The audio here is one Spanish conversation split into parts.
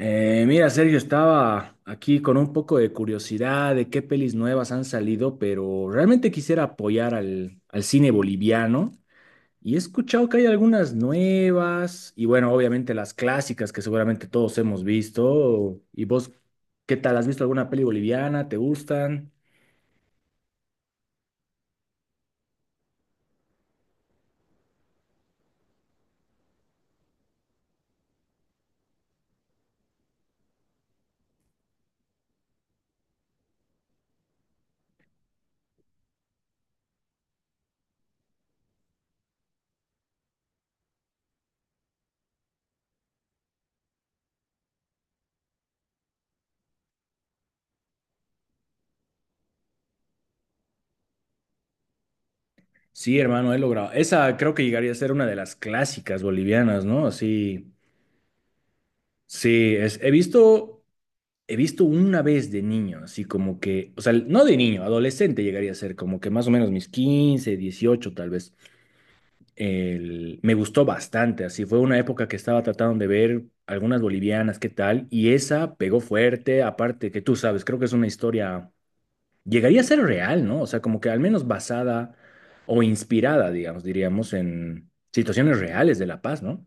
Mira, Sergio, estaba aquí con un poco de curiosidad de qué pelis nuevas han salido, pero realmente quisiera apoyar al cine boliviano y he escuchado que hay algunas nuevas y bueno, obviamente las clásicas que seguramente todos hemos visto. ¿Y vos qué tal? ¿Has visto alguna peli boliviana? ¿Te gustan? Sí, hermano, he logrado. Esa creo que llegaría a ser una de las clásicas bolivianas, ¿no? Así, sí, es, he visto... He visto una vez de niño, así como que, o sea, no de niño, adolescente llegaría a ser, como que más o menos mis 15, 18, tal vez. Me gustó bastante, así fue una época que estaba tratando de ver algunas bolivianas, qué tal, y esa pegó fuerte, aparte que tú sabes, creo que es una historia, llegaría a ser real, ¿no? O sea, como que al menos basada o inspirada, digamos, diríamos, en situaciones reales de La Paz, ¿no?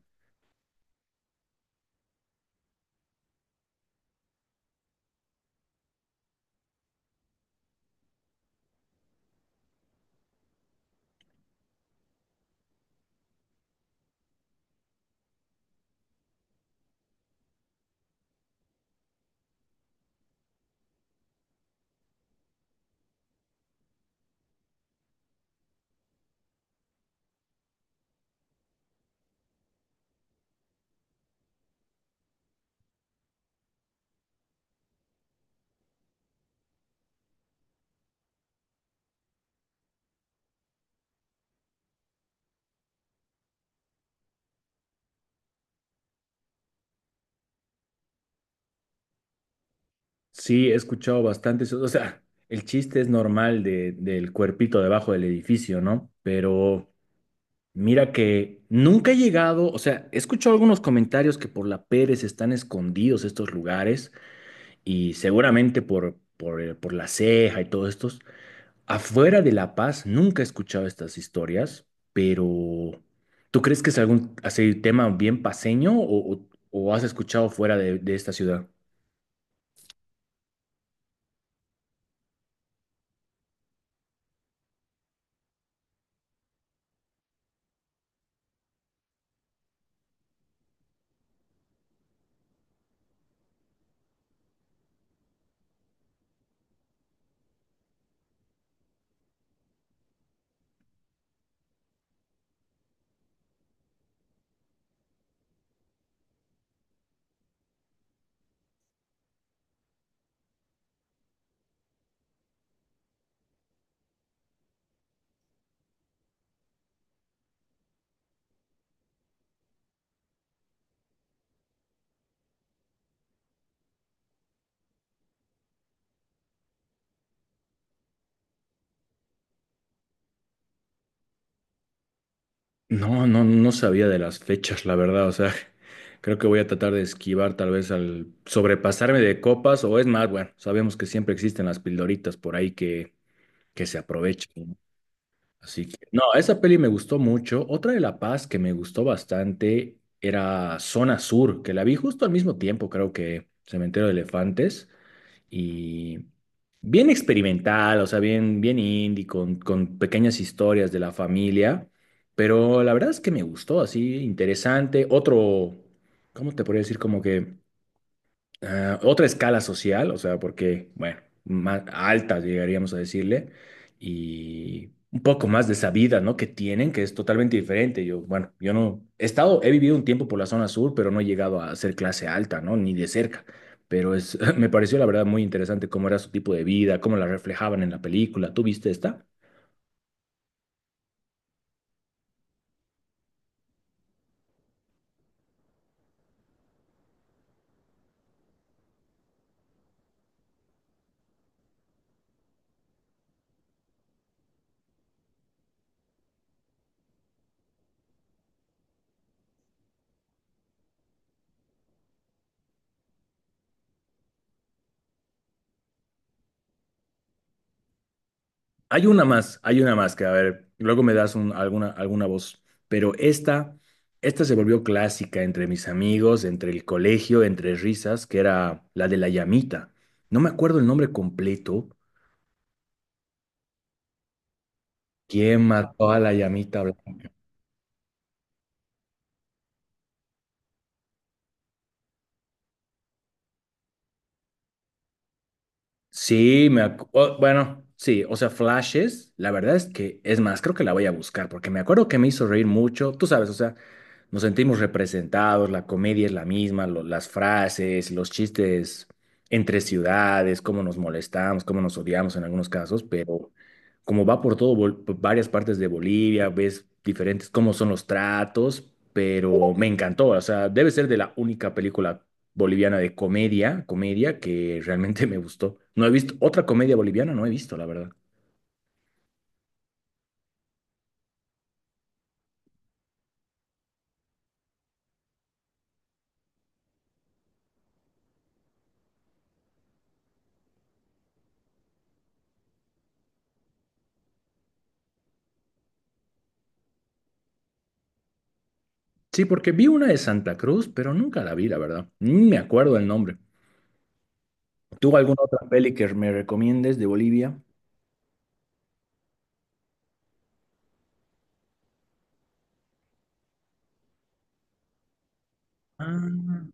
Sí, he escuchado bastante eso. O sea, el chiste es normal de, del cuerpito debajo del edificio, ¿no? Pero mira que nunca he llegado, o sea, he escuchado algunos comentarios que por la Pérez están escondidos estos lugares y seguramente por por la Ceja y todos estos. Afuera de La Paz nunca he escuchado estas historias, pero ¿tú crees que es algún así, tema bien paseño o, o has escuchado fuera de esta ciudad? No, no, no sabía de las fechas, la verdad. O sea, creo que voy a tratar de esquivar tal vez al sobrepasarme de copas o es más, bueno, sabemos que siempre existen las pildoritas por ahí que se aprovechan. ¿No? Así que, no, esa peli me gustó mucho. Otra de La Paz que me gustó bastante era Zona Sur, que la vi justo al mismo tiempo, creo que Cementerio de Elefantes y bien experimental, o sea, bien indie, con pequeñas historias de la familia, pero la verdad es que me gustó, así interesante. Otro, ¿cómo te podría decir? Como que ah, otra escala social, o sea, porque, bueno, más alta llegaríamos a decirle, y un poco más de esa vida, ¿no? Que tienen, que es totalmente diferente. Yo, bueno, yo no he estado, he vivido un tiempo por la zona sur, pero no he llegado a ser clase alta, ¿no? Ni de cerca. Pero es, me pareció la verdad muy interesante cómo era su tipo de vida, cómo la reflejaban en la película. ¿Tú viste esta? Hay una más que, a ver, luego me das alguna, alguna voz, pero esta se volvió clásica entre mis amigos, entre el colegio, entre risas, que era la de la llamita. No me acuerdo el nombre completo. ¿Quién mató a la llamita blanca? Sí, bueno, sí, o sea, flashes, la verdad es que, es más, creo que la voy a buscar porque me acuerdo que me hizo reír mucho, tú sabes, o sea, nos sentimos representados, la comedia es la misma, las frases, los chistes entre ciudades, cómo nos molestamos, cómo nos odiamos en algunos casos, pero como va por todo, por varias partes de Bolivia, ves diferentes, cómo son los tratos, pero me encantó, o sea, debe ser de la única película boliviana de comedia, comedia que realmente me gustó. No he visto otra comedia boliviana, no he visto, la verdad. Sí, porque vi una de Santa Cruz, pero nunca la vi, la verdad. Ni me acuerdo el nombre. ¿Tú alguna otra peli que me recomiendes de Bolivia? Ah,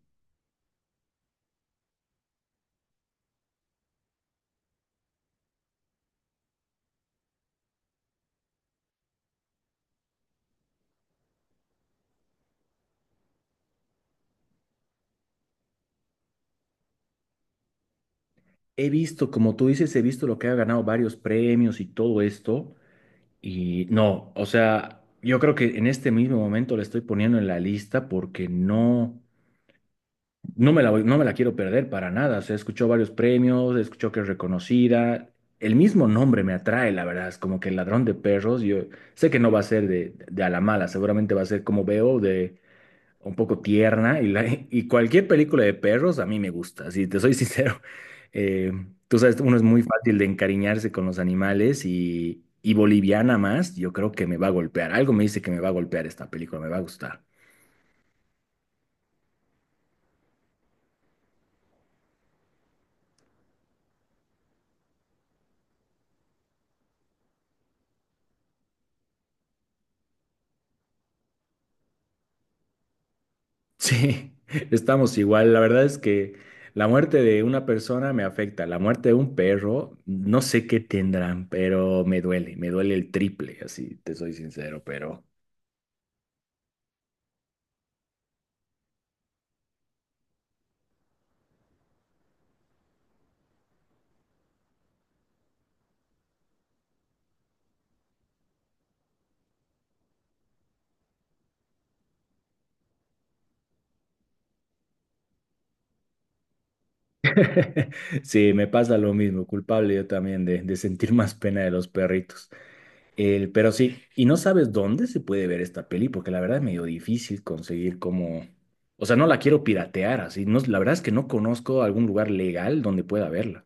he visto, como tú dices, he visto lo que ha ganado varios premios y todo esto. Y no, o sea, yo creo que en este mismo momento la estoy poniendo en la lista porque no, no me la quiero perder para nada. O sea, escuchó varios premios, escuchó que es reconocida. El mismo nombre me atrae, la verdad. Es como que el ladrón de perros. Yo sé que no va a ser de a la mala, seguramente va a ser como veo un poco tierna y cualquier película de perros a mí me gusta, si te soy sincero. Eh, Tú sabes, uno es muy fácil de encariñarse con los animales y boliviana más, yo creo que me va a golpear. Algo me dice que me va a golpear esta película, me va a gustar. Sí, estamos igual. La verdad es que la muerte de una persona me afecta, la muerte de un perro, no sé qué tendrán, pero me duele el triple, así te soy sincero, pero... Sí, me pasa lo mismo, culpable yo también de sentir más pena de los perritos. El, pero sí, y no sabes dónde se puede ver esta peli, porque la verdad es medio difícil conseguir como... O sea, no la quiero piratear así. No, la verdad es que no conozco algún lugar legal donde pueda verla.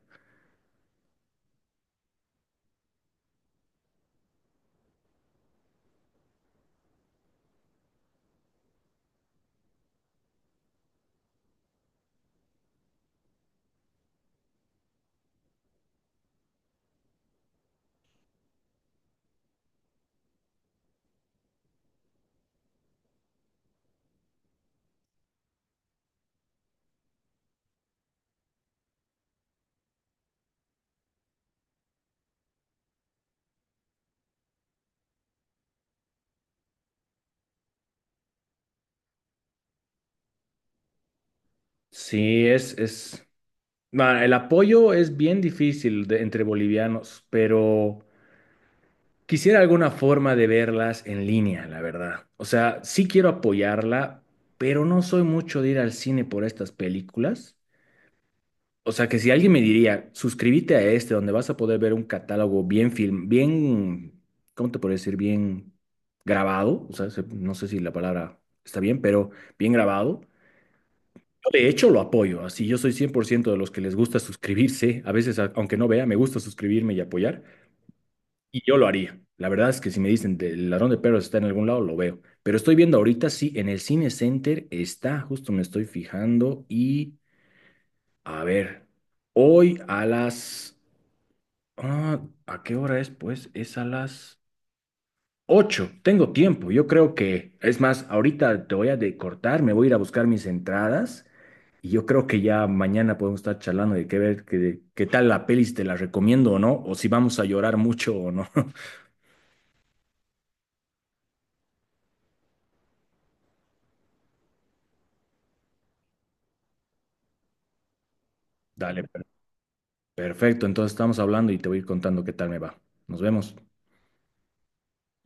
Sí, es... bueno, el apoyo es bien difícil entre bolivianos, pero... Quisiera alguna forma de verlas en línea, la verdad. O sea, sí quiero apoyarla, pero no soy mucho de ir al cine por estas películas. O sea, que si alguien me diría, suscríbete a este, donde vas a poder ver un catálogo bien film, bien, ¿cómo te puedo decir? Bien grabado. O sea, no sé si la palabra está bien, pero bien grabado. Yo, de hecho, lo apoyo. Así, yo soy 100% de los que les gusta suscribirse. A veces, aunque no vea, me gusta suscribirme y apoyar. Y yo lo haría. La verdad es que si me dicen el ladrón de perros está en algún lado, lo veo. Pero estoy viendo ahorita, sí, en el Cine Center está, justo me estoy fijando. Y a ver, hoy a las... ah, ¿a qué hora es? Pues es a las 8. Tengo tiempo. Yo creo que, es más, ahorita te voy a cortar, me voy a ir a buscar mis entradas. Y yo creo que ya mañana podemos estar charlando de qué ver, qué, qué tal la peli, si te la recomiendo o no, o si vamos a llorar mucho o no. Dale, perfecto. Perfecto, entonces estamos hablando y te voy a ir contando qué tal me va. Nos vemos.